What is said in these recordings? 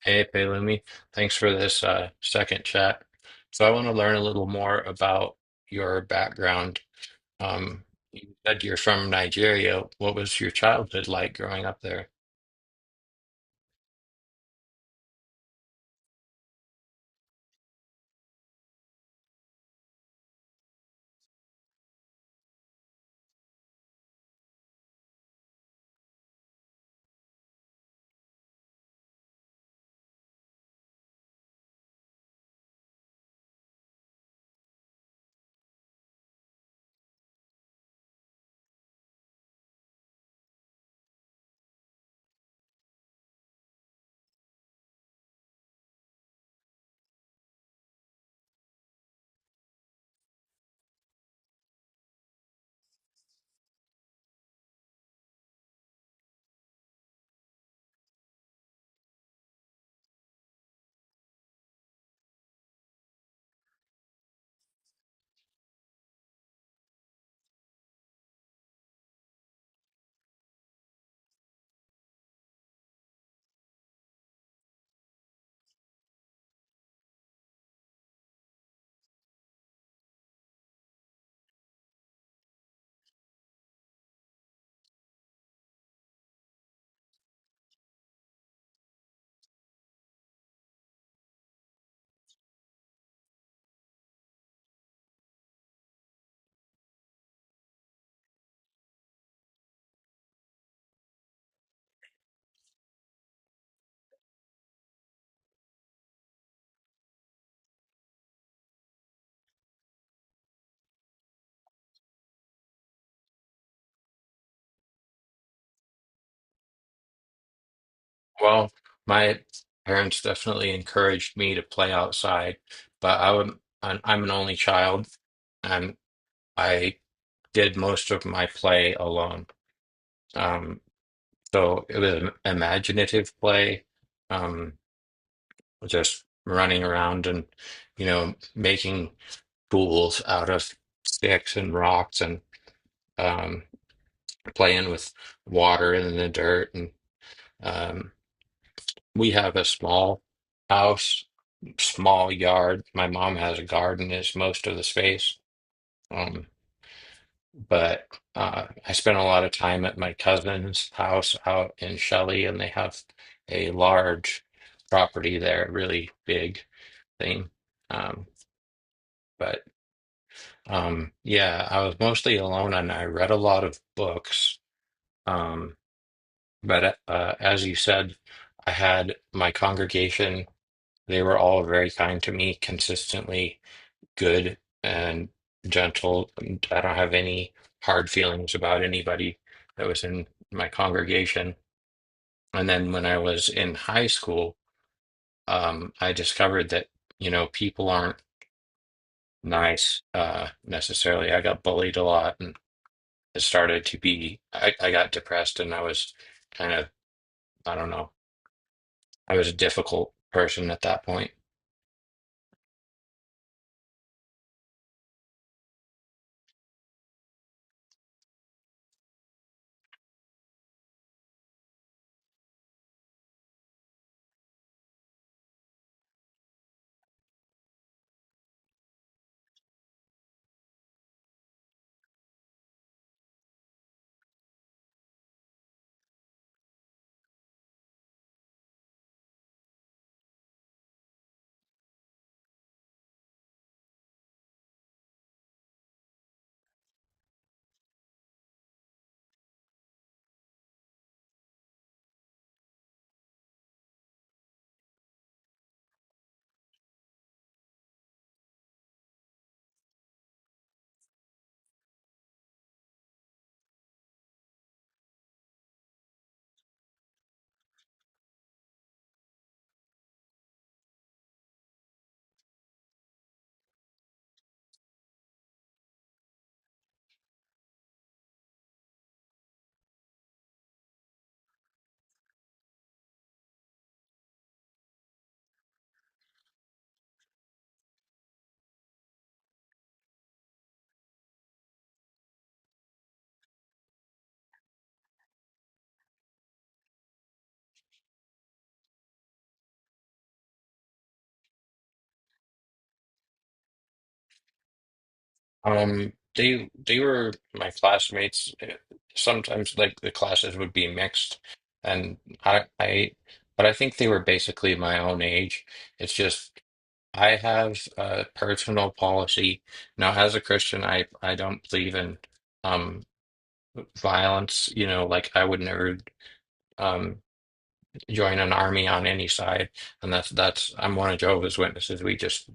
Hey, Pelumi, thanks for this second chat. So I want to learn a little more about your background. Um, you said you're from Nigeria. What was your childhood like growing up there? Well, my parents definitely encouraged me to play outside, but I'm an only child, and I did most of my play alone. Um, so it was imaginative play. Um, just running around and making tools out of sticks and rocks and um, playing with water and the dirt and um, we have a small house, small yard. My mom has a garden, is most of the space. um, but I spend a lot of time at my cousin's house out in Shelley, and they have a large property there, really big thing. um, but yeah, I was mostly alone and I read a lot of books. Um, but as you said, I had my congregation, they were all very kind to me, consistently good and gentle. And I don't have any hard feelings about anybody that was in my congregation. And then when I was in high school, I discovered that, people aren't nice necessarily. I got bullied a lot. It started to be, I got depressed and I was kind of, I don't know, I was a difficult person at that point. They were my classmates. Sometimes like the classes would be mixed, and I but I think they were basically my own age. It's just I have a personal policy now as a Christian. I don't believe in um violence. You know, like I would never um. join an army on any side, and that's I'm one of Jehovah's Witnesses. We just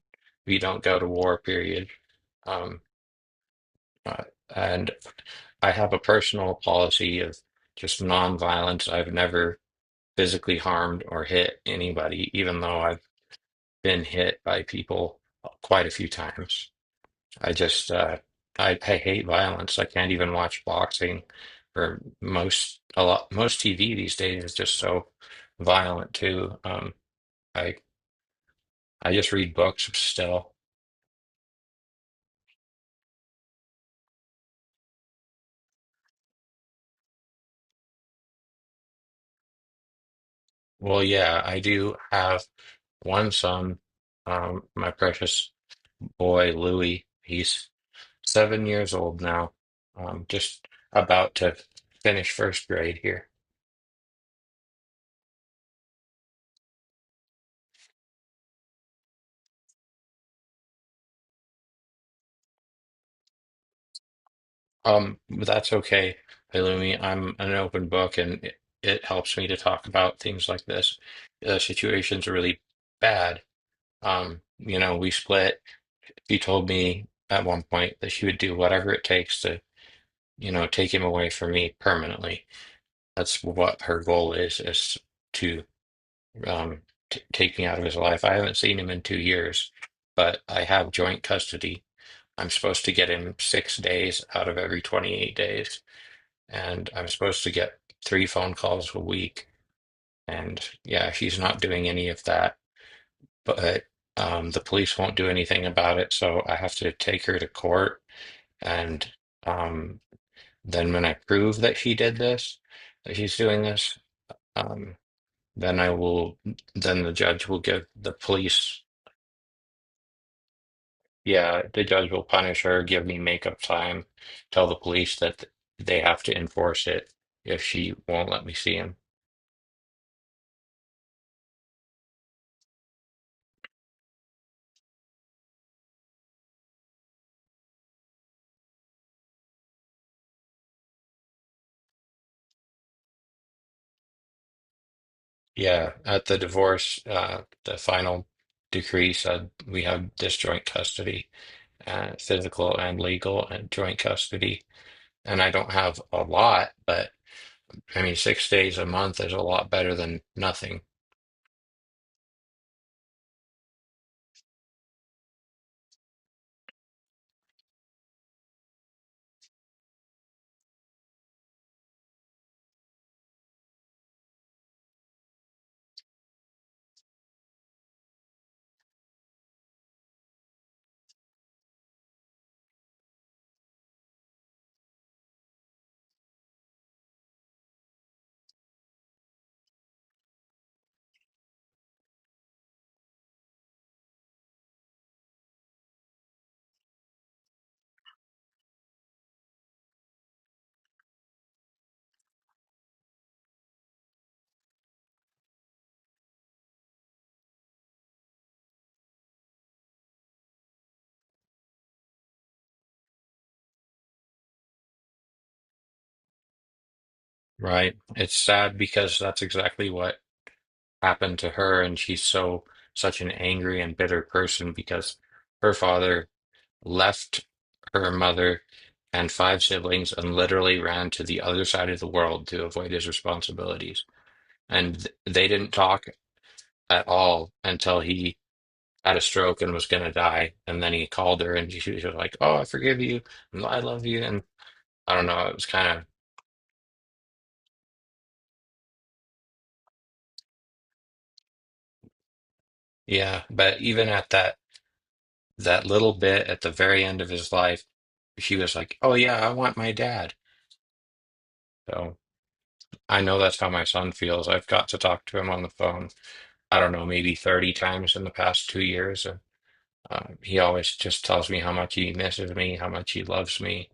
we don't go to war, period. Um, uh, and I have a personal policy of just nonviolence. I've never physically harmed or hit anybody, even though I've been hit by people quite a few times. I just uh, I hate violence. I can't even watch boxing, or most a lot most TV these days is just so violent too. I. I just read books still. Well, yeah, I do have one son, my precious boy Louis. He's 7 years old now, just about to finish first grade here. But that's okay, Halumi. I'm an open book, and it helps me to talk about things like this. The situation's really bad. We split. She told me at one point that she would do whatever it takes to take him away from me permanently. That's what her goal is to um, t take me out of his life. I haven't seen him in 2 years, but I have joint custody. I'm supposed to get him 6 days out of every 28 days, and I'm supposed to get three phone calls a week. And yeah, she's not doing any of that, but the police won't do anything about it, so I have to take her to court and. Um. Then when I prove that she did this, that she's doing this, um, then I will, then the judge will give the police, yeah, the judge will punish her, give me makeup time, tell the police that they have to enforce it if she won't let me see him. Yeah, at the divorce, the final decree said we have disjoint custody, physical and legal and joint custody. And I don't have a lot, but I mean, 6 days a month is a lot better than nothing, right? It's sad because that's exactly what happened to her, and she's such an angry and bitter person because her father left her mother and five siblings and literally ran to the other side of the world to avoid his responsibilities. And they didn't talk at all until he had a stroke and was going to die. And then he called her, and she was like, "Oh, I forgive you, and I love you," and I don't know. It was kind of. Yeah, but even at that, that little bit at the very end of his life, he was like, "Oh yeah, I want my dad." So I know that's how my son feels. I've got to talk to him on the phone, I don't know, maybe 30 times in the past 2 years. And he always just tells me how much he misses me, how much he loves me.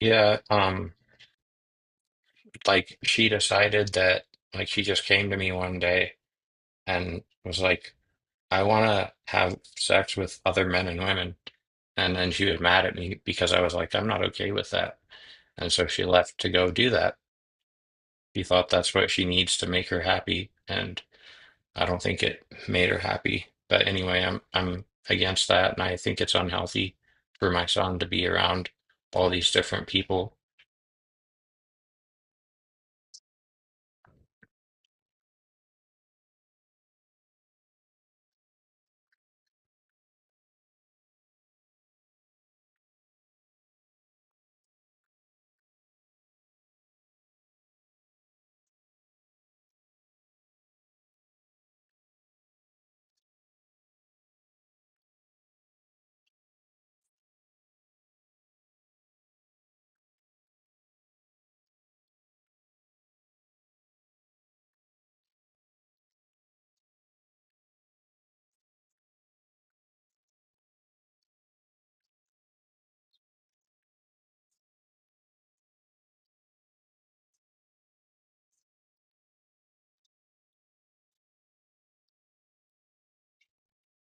Yeah, like she decided that, like she just came to me one day and was like, I want to have sex with other men and women. And then she was mad at me because I was like, I'm not okay with that. And so she left to go do that. She thought that's what she needs to make her happy. And I don't think it made her happy. But anyway, I'm against that. And I think it's unhealthy for my son to be around all these different people.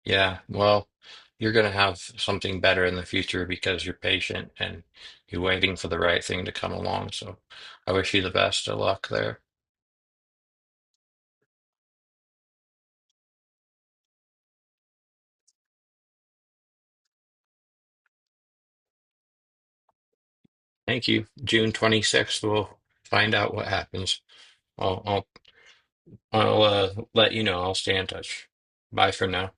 Yeah, well, you're going to have something better in the future because you're patient and you're waiting for the right thing to come along. So I wish you the best of luck there. Thank you. June 26th, we'll find out what happens. I'll I'll I'll let you know. I'll stay in touch. Bye for now.